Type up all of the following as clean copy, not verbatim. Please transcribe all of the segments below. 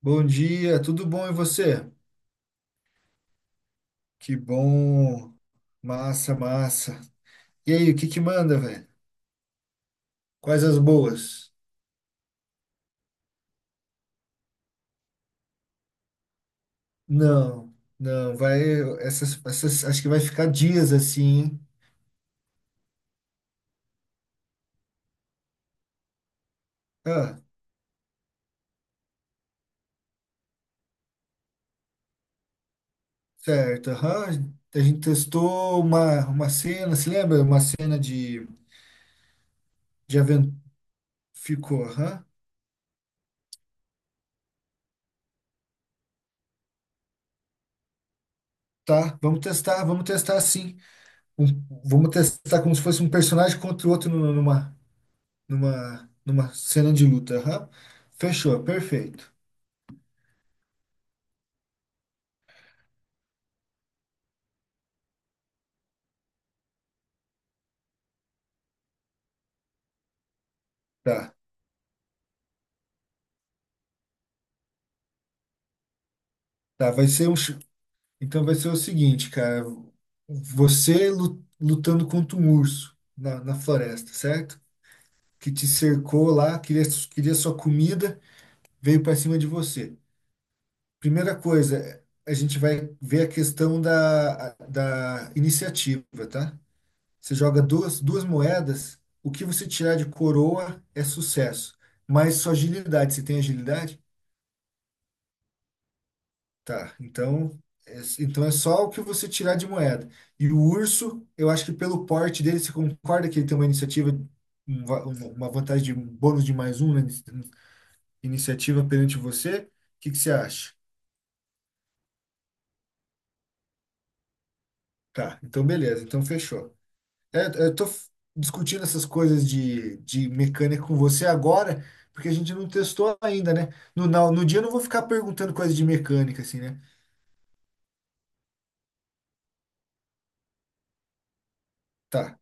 Bom dia, tudo bom e você? Que bom, massa, massa. E aí, o que que manda, velho? Quais as boas? Não, não, vai, essas, acho que vai ficar dias assim, hein? Ah, certo, aham. A gente testou uma cena, se lembra? Uma cena de aventura. Ficou, aham. Tá, vamos testar sim. Um- Vamos testar como se fosse um personagem contra o outro numa cena de luta. Aham. Fechou, perfeito. Tá, tá, vai ser um. Ch- Então vai ser o seguinte, cara. Você lutando contra um urso na floresta, certo? Que te cercou lá, queria sua comida, veio para cima de você. Primeira coisa, a gente vai ver a questão da iniciativa, tá? Você joga duas moedas, o que você tirar de coroa é sucesso, mas sua agilidade, você tem agilidade? Tá, então, então é só o que você tirar de moeda. E o urso, eu acho que pelo porte dele, você concorda que ele tem uma iniciativa, uma vantagem de um bônus de mais um na iniciativa perante você? O que que você acha? Tá, então beleza, então fechou. É, eu tô discutindo essas coisas de mecânica com você agora, porque a gente não testou ainda, né? No dia eu não vou ficar perguntando coisas de mecânica, assim, né? Tá.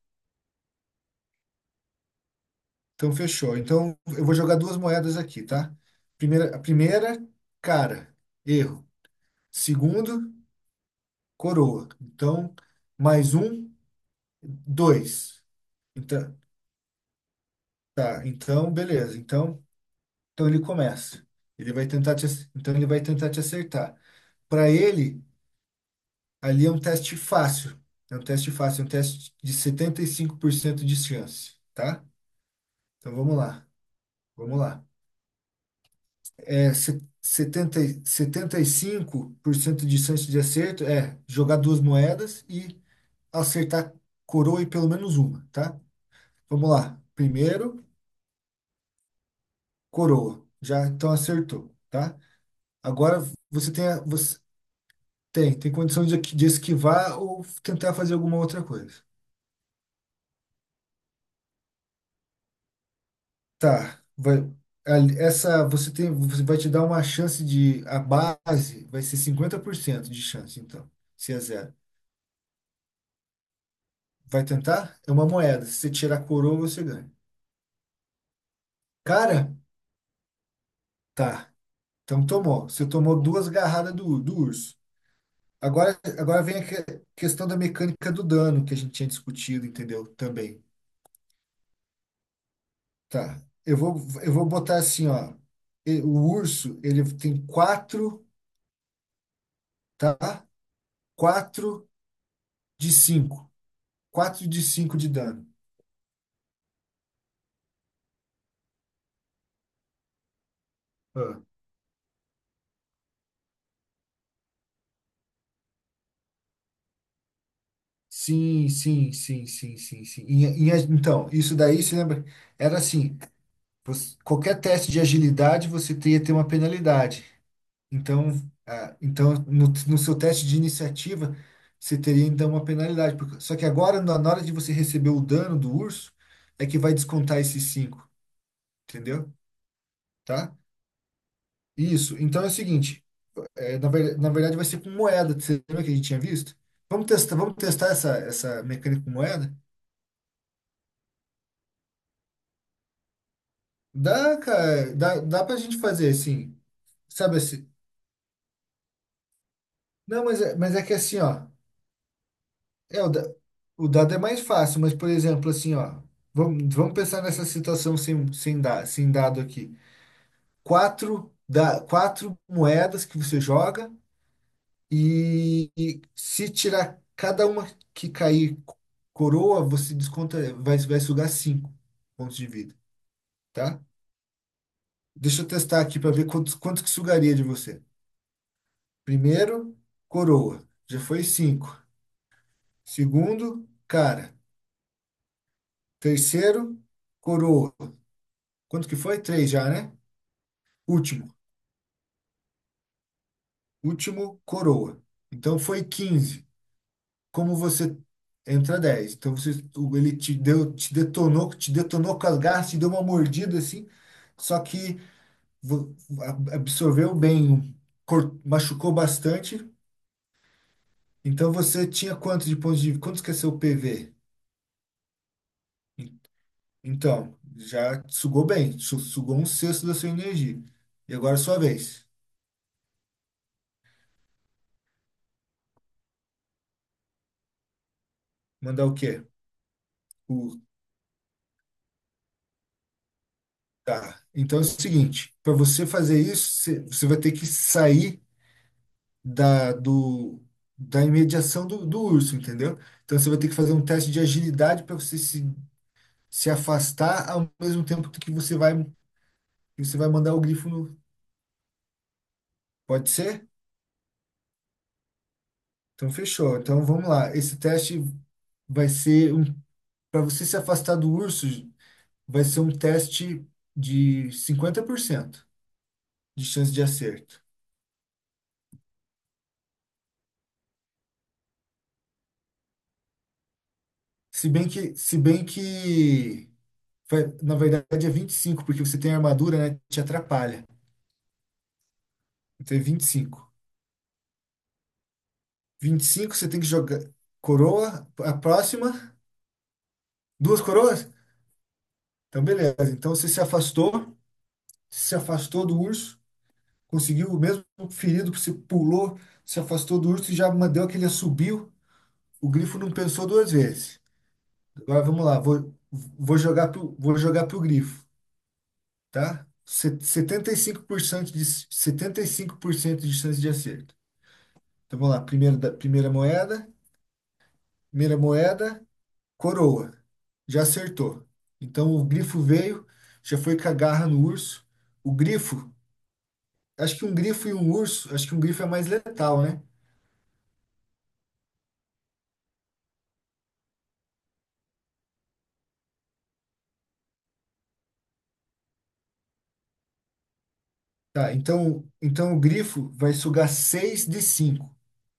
Então, fechou. Então, eu vou jogar duas moedas aqui, tá? A primeira, cara, erro. Segundo, coroa. Então, mais um, dois. Então, tá, então, beleza. então, ele começa. Ele vai tentar te, ac- então ele vai tentar te acertar. Para ele, ali é um teste fácil. É um teste fácil, é um teste de 75% de chance, tá? Então, vamos lá. Vamos lá. Setenta e cinco por cento de chance de acerto é jogar duas moedas e acertar coroa e pelo menos uma, tá? Vamos lá. Primeiro, coroa. Já então acertou, tá? Agora você tem condição de esquivar ou tentar fazer alguma outra coisa. Tá, essa você tem você vai te dar uma chance, de a base vai ser 50% de chance então, se é zero. Vai tentar? É uma moeda. Se você tirar a coroa, você ganha. Cara, tá. Então tomou. Você tomou duas garradas do urso. Agora vem a questão da mecânica do dano que a gente tinha discutido, entendeu? Também. Tá. Eu vou botar assim, ó. O urso, ele tem quatro, tá? Quatro de cinco. Quatro de cinco de dano. Ah. Sim, sim, sim, sim, sim, sim. Então, isso daí, você lembra? Era assim. Qualquer teste de agilidade você teria que ter uma penalidade. Então, então no seu teste de iniciativa, você teria então uma penalidade. Só que agora, na hora de você receber o dano do urso, é que vai descontar esses cinco, entendeu? Tá? Isso. Então é o seguinte, na verdade vai ser com moeda. Você lembra que a gente tinha visto? Vamos testar essa mecânica com moeda? Dá, cara, dá pra gente fazer assim. Sabe assim? Não, mas é que assim, ó. É, o dado é mais fácil, mas, por exemplo, assim, ó, vamos pensar nessa situação sem dado aqui. Quatro moedas que você joga e se tirar cada uma que cair coroa, você desconta, vai sugar cinco pontos de vida, tá? Deixa eu testar aqui para ver quanto que sugaria de você. Primeiro, coroa, já foi cinco. Segundo, cara. Terceiro, coroa. Quanto que foi? Três já, né? Último. Último, coroa. Então foi 15. Como você entra 10. Então você, ele te deu, te detonou com as garras, te deu uma mordida assim, só que vo- absorveu bem, machucou bastante. Então você tinha quanto de pontos de vida? Quanto que é seu PV? En- Então, já sugou bem, sugou um sexto da sua energia. E agora é sua vez. Mandar o quê? O Tá. Então é o seguinte, para você fazer isso, você vai ter que sair da, do, da imediação do urso, entendeu? Então você vai ter que fazer um teste de agilidade para você se afastar ao mesmo tempo que você vai mandar o grifo no. Pode ser? Então fechou. Então vamos lá. Esse teste vai ser um. Para você se afastar do urso, vai ser um teste de 50% de chance de acerto. Se bem que na verdade é 25 porque você tem armadura, né? Te atrapalha. Então é vinte e cinco. Vinte e cinco você tem que jogar coroa, a próxima, duas coroas? Então beleza. Então você se afastou, se afastou do urso, conseguiu o mesmo ferido que você pulou, se afastou do urso e já mandou aquele assobio. O grifo não pensou duas vezes. Agora vamos lá, vou jogar pro grifo, tá? Setenta e cinco por cento de, 75% de chance de acerto. Então vamos lá, primeiro da, primeira moeda, coroa. Já acertou. Então o grifo veio, já foi com a garra no urso. O grifo, acho que um grifo e um urso, acho que um grifo é mais letal, né? Tá, então o grifo vai sugar 6 de cinco,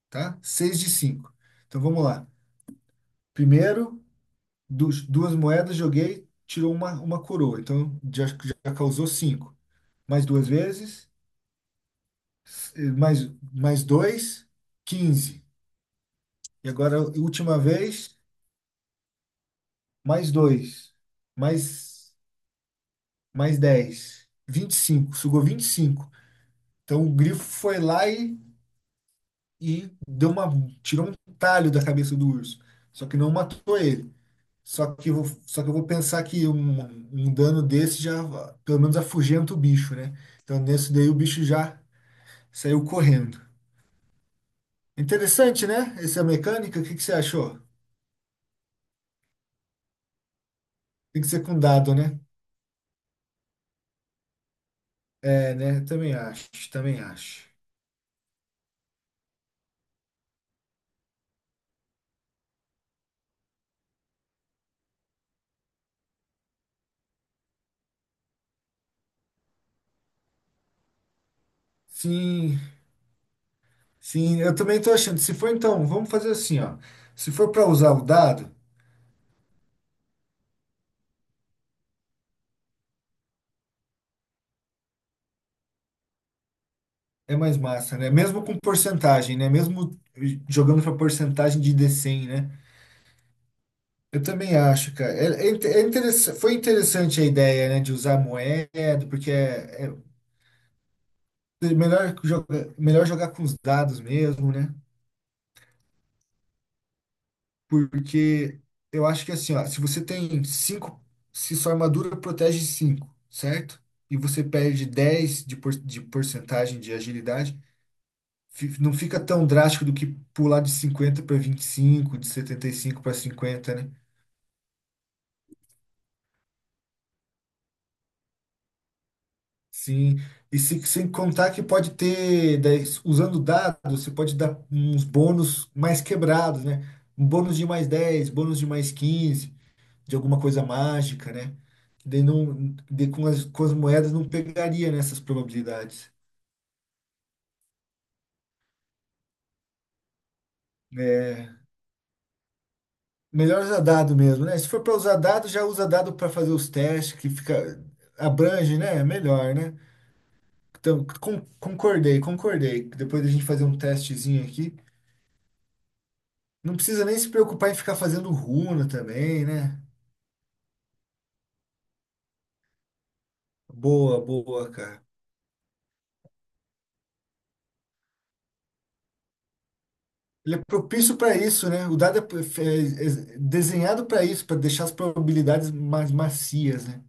tá? Seis de cinco. Então vamos lá. Primeiro, du duas moedas, joguei, tirou uma coroa. Então já causou cinco. Mais duas vezes, s- eh, mais, mais dois, 15. E agora, última vez, mais dois, mais, mais dez, 25, sugou 25. Então o grifo foi lá e tirou um talho da cabeça do urso. Só que não matou ele. Só que eu vou pensar que um dano desse já, pelo menos, afugenta o bicho, né? Então nesse daí o bicho já saiu correndo. Interessante, né? Essa mecânica, o que que você achou? Tem que ser com dado, né? É, né? Também acho, também acho. Sim, sim, eu também tô achando. Se for então, vamos fazer assim, ó. Se for para usar o dado, é mais massa, né? Mesmo com porcentagem, né? Mesmo jogando para porcentagem de D100, né? Eu também acho, cara. Foi interessante a ideia, né, de usar moeda, porque é melhor jogar, melhor jogar com os dados mesmo, né? Porque eu acho que assim, ó, se você tem cinco, se sua armadura protege cinco, certo? E você perde 10 de porcentagem de agilidade, não fica tão drástico do que pular de 50 para 25, de 75 para 50, né? Sim. E se, sem contar que pode ter, daí, usando dados, você pode dar uns bônus mais quebrados, né? Um bônus de +10, bônus de +15 de alguma coisa mágica, né? Daí não, daí com as moedas não pegaria nessas probabilidades. É, melhor usar dado mesmo, né? Se for para usar dado, já usa dado para fazer os testes, que fica, abrange, né? é melhor, né? Então, concordei, concordei. Depois da gente fazer um testezinho aqui. Não precisa nem se preocupar em ficar fazendo runa também, né? Boa, boa, cara. Ele é propício para isso, né? O dado é desenhado para isso, para deixar as probabilidades mais macias, né?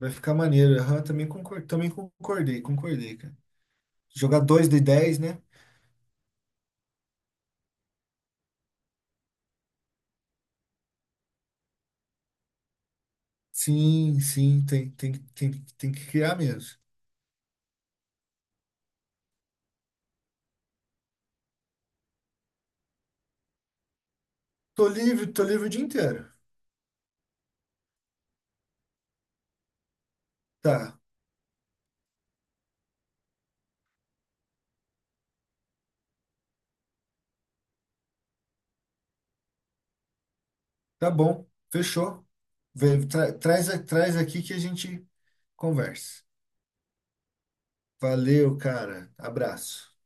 Vai ficar maneiro. Aham, também concordei, concordei, cara. Jogar 2 de 10, né? Sim, sim, tem que criar mesmo. Tô livre o dia inteiro. Tá. Tá bom, fechou. Vem, traz aqui que a gente conversa. Valeu, cara. Abraço.